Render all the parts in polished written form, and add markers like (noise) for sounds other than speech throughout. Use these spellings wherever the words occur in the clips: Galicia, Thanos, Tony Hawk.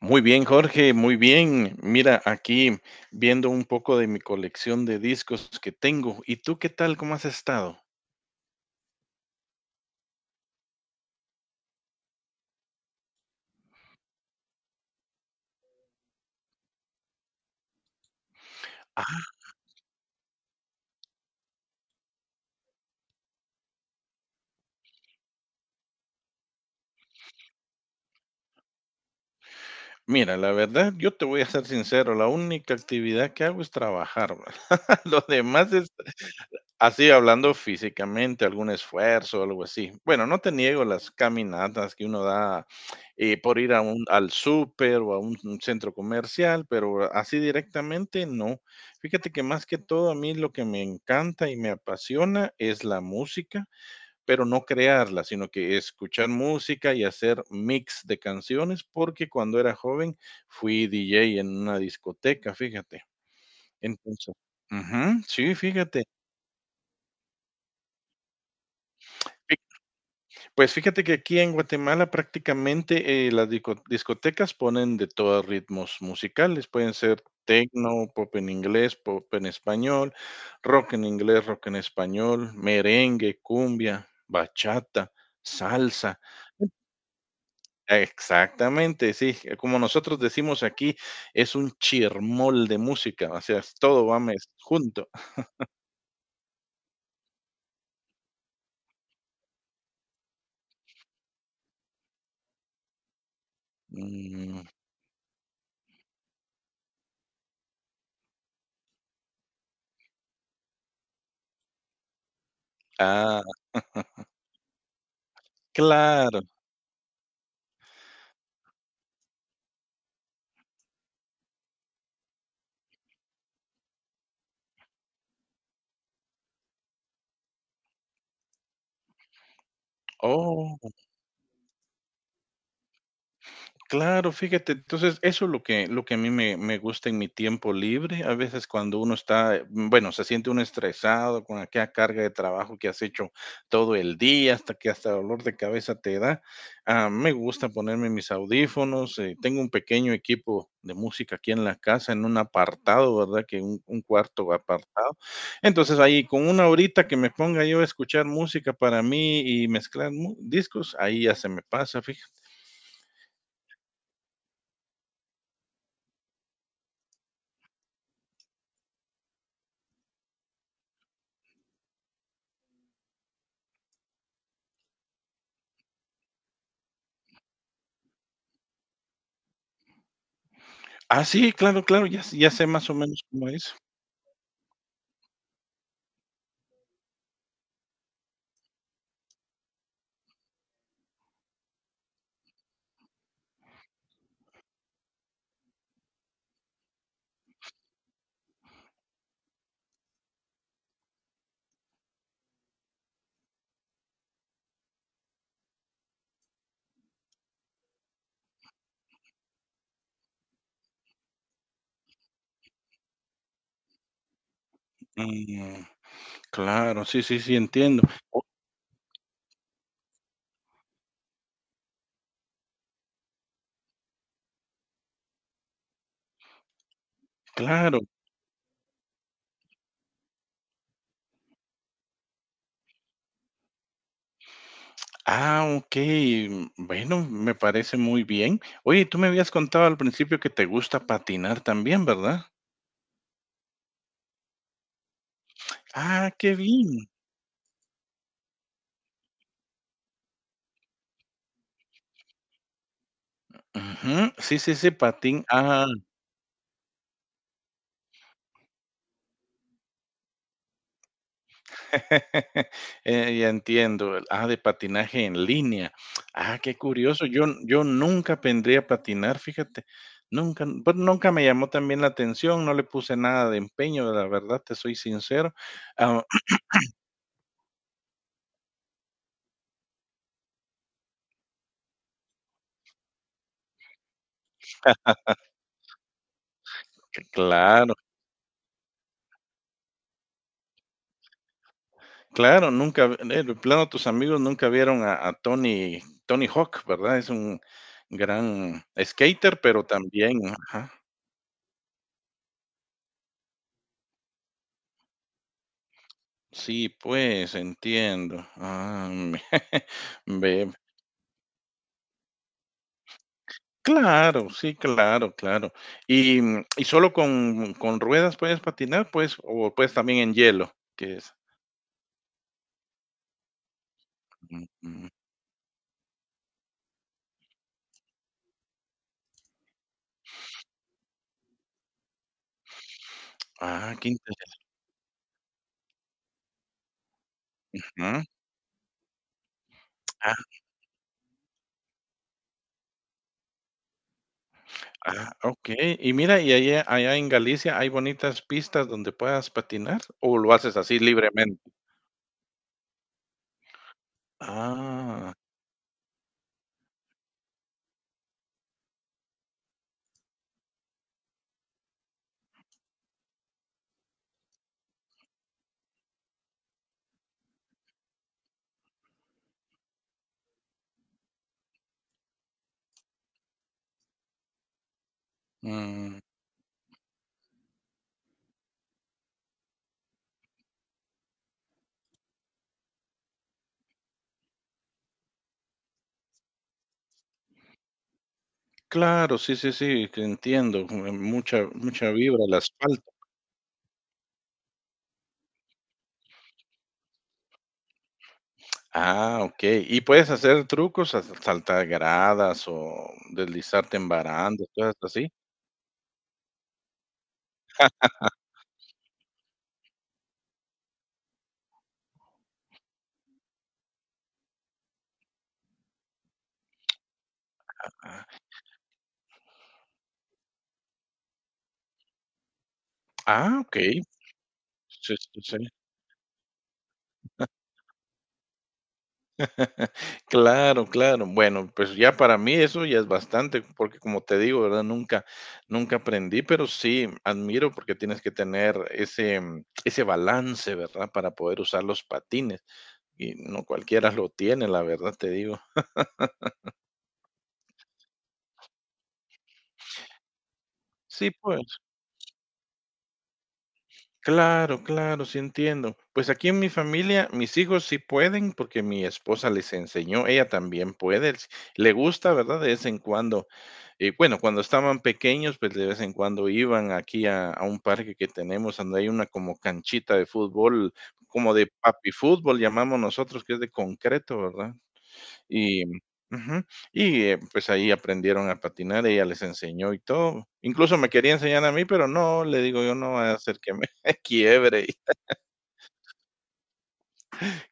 Muy bien, Jorge, muy bien. Mira, aquí viendo un poco de mi colección de discos que tengo. ¿Y tú qué tal? ¿Cómo has estado? Ah, mira, la verdad, yo te voy a ser sincero, la única actividad que hago es trabajar. (laughs) ¿Verdad? Lo demás es... Así hablando físicamente, algún esfuerzo, algo así. Bueno, no te niego las caminatas que uno da por ir a un, al súper o a un centro comercial, pero así directamente no. Fíjate que más que todo a mí lo que me encanta y me apasiona es la música, pero no crearla, sino que escuchar música y hacer mix de canciones, porque cuando era joven fui DJ en una discoteca, fíjate. Entonces, ujú, sí, fíjate. Pues fíjate que aquí en Guatemala prácticamente las discotecas ponen de todos ritmos musicales, pueden ser tecno, pop en inglés, pop en español, rock en inglés, rock en español, merengue, cumbia, bachata, salsa. Exactamente, sí, como nosotros decimos aquí, es un chirmol de música, o sea, todo va junto. (laughs) Mm, ah, (laughs) claro. Oh. Claro, fíjate, entonces eso es lo que a mí me gusta en mi tiempo libre. A veces cuando uno está, bueno, se siente uno estresado con aquella carga de trabajo que has hecho todo el día, hasta que hasta dolor de cabeza te da. Me gusta ponerme mis audífonos, tengo un pequeño equipo de música aquí en la casa, en un apartado, ¿verdad? Que un cuarto apartado. Entonces, ahí con una horita que me ponga yo a escuchar música para mí y mezclar mu discos, ahí ya se me pasa, fíjate. Ah, sí, claro, claro, ya sé más o menos cómo es. Mm, claro, sí, sí, sí, entiendo. Oh, claro. Ah, okey. Mm, bueno, me parece muy bien. Oye, tú me habías contado al principio que te gusta patinar también, ¿verdad? Ah, qué bien. Ujú. Sí, sí, sí, patín. Ah. (laughs) Ya entiendo. Ah, de patinaje en línea. Ah, qué curioso. Yo nunca aprendí a patinar, fíjate. Nunca, pues, nunca me llamó también la atención, no le puse nada de empeño, la verdad, te soy sincero. Ah, (clears throat) que claro, claro, nunca, de plano tus amigos nunca vieron a Tony Hawk, ¿verdad? Es un gran skater, pero también ajá. Sí, pues, entiendo. Ah, (laughs) ve, claro, sí, claro, claro. Y, ¿y solo con ruedas puedes patinar, pues, o puedes también en hielo? Que es... mm, mm. Ah, qué interesante. Ah, ah, okey. Y mira, ¿y allá en Galicia hay bonitas pistas donde puedas patinar, o lo haces así libremente? Ah, mm, claro, sí, sí, sí, que entiendo, mucha vibra el asfalto. Ah, okey. ¿Y puedes hacer trucos, sa saltar gradas o deslizarte en barandas, cosas así? Ah, ah, okey. Sí, sí, sí. (laughs) Claro, claro. Bueno, pues ya para mí eso ya es bastante, porque como te digo, ¿verdad? Nunca aprendí, pero sí admiro porque tienes que tener ese ese balance, ¿verdad? Para poder usar los patines, y no cualquiera lo tiene, la verdad te digo. Sí, pues. Claro, claro, sí entiendo. Pues aquí en mi familia, mis hijos sí pueden porque mi esposa les enseñó, ella también puede, le gusta, ¿verdad? De vez en cuando. Y bueno, cuando estaban pequeños, pues de vez en cuando iban aquí a un parque que tenemos, donde hay una como canchita de fútbol, como de papi fútbol, llamamos nosotros, que es de concreto, ¿verdad? Y ujú, y, pues, ahí aprendieron a patinar, ella les enseñó y todo. Incluso me quería enseñar a mí, pero no, le digo yo: "No vaya a hacer que me (laughs) quiebre".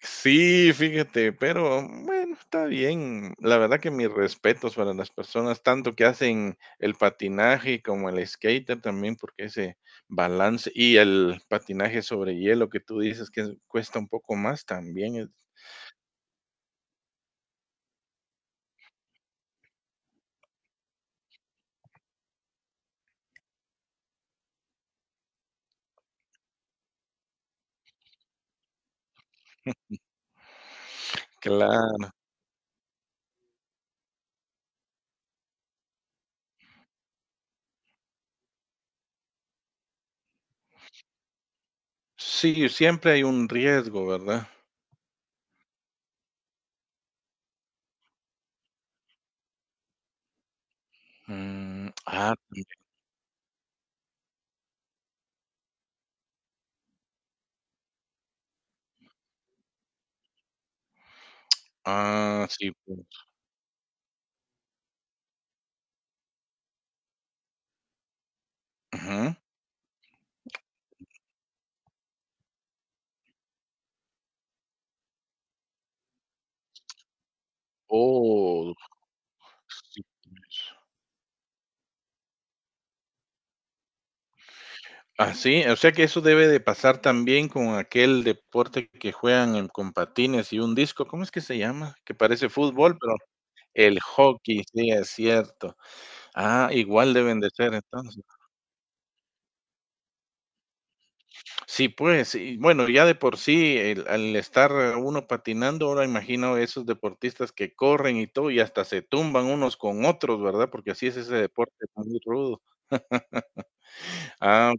Sí, fíjate, pero bueno, está bien. La verdad que mis respetos para las personas, tanto que hacen el patinaje como el skater también, porque ese balance y el patinaje sobre hielo que tú dices que es cuesta un poco más también es... claro. Sí, siempre hay un riesgo, ¿verdad? Mm, ah, sí, pues, ajá. Oh, sí, tienes... ah, sí, o sea que eso debe de pasar también con aquel deporte que juegan en con patines y un disco, ¿cómo es que se llama? Que parece fútbol, pero... el hockey, sí, es cierto. Ah, igual deben de ser entonces. Sí, pues, y bueno, ya de por sí, el al estar uno patinando, ahora imagino esos deportistas que corren y todo, y hasta se tumban unos con otros, ¿verdad? Porque así es ese deporte, muy rudo. (laughs) Ah,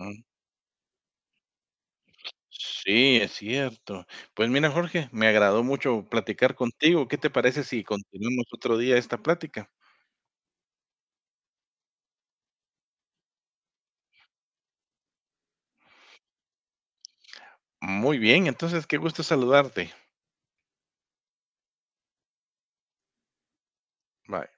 ujú. Sí, es cierto. Pues mira, Jorge, me agradó mucho platicar contigo. ¿Qué te parece si continuamos otro día esta plática? Muy bien, entonces qué gusto saludarte. Bye.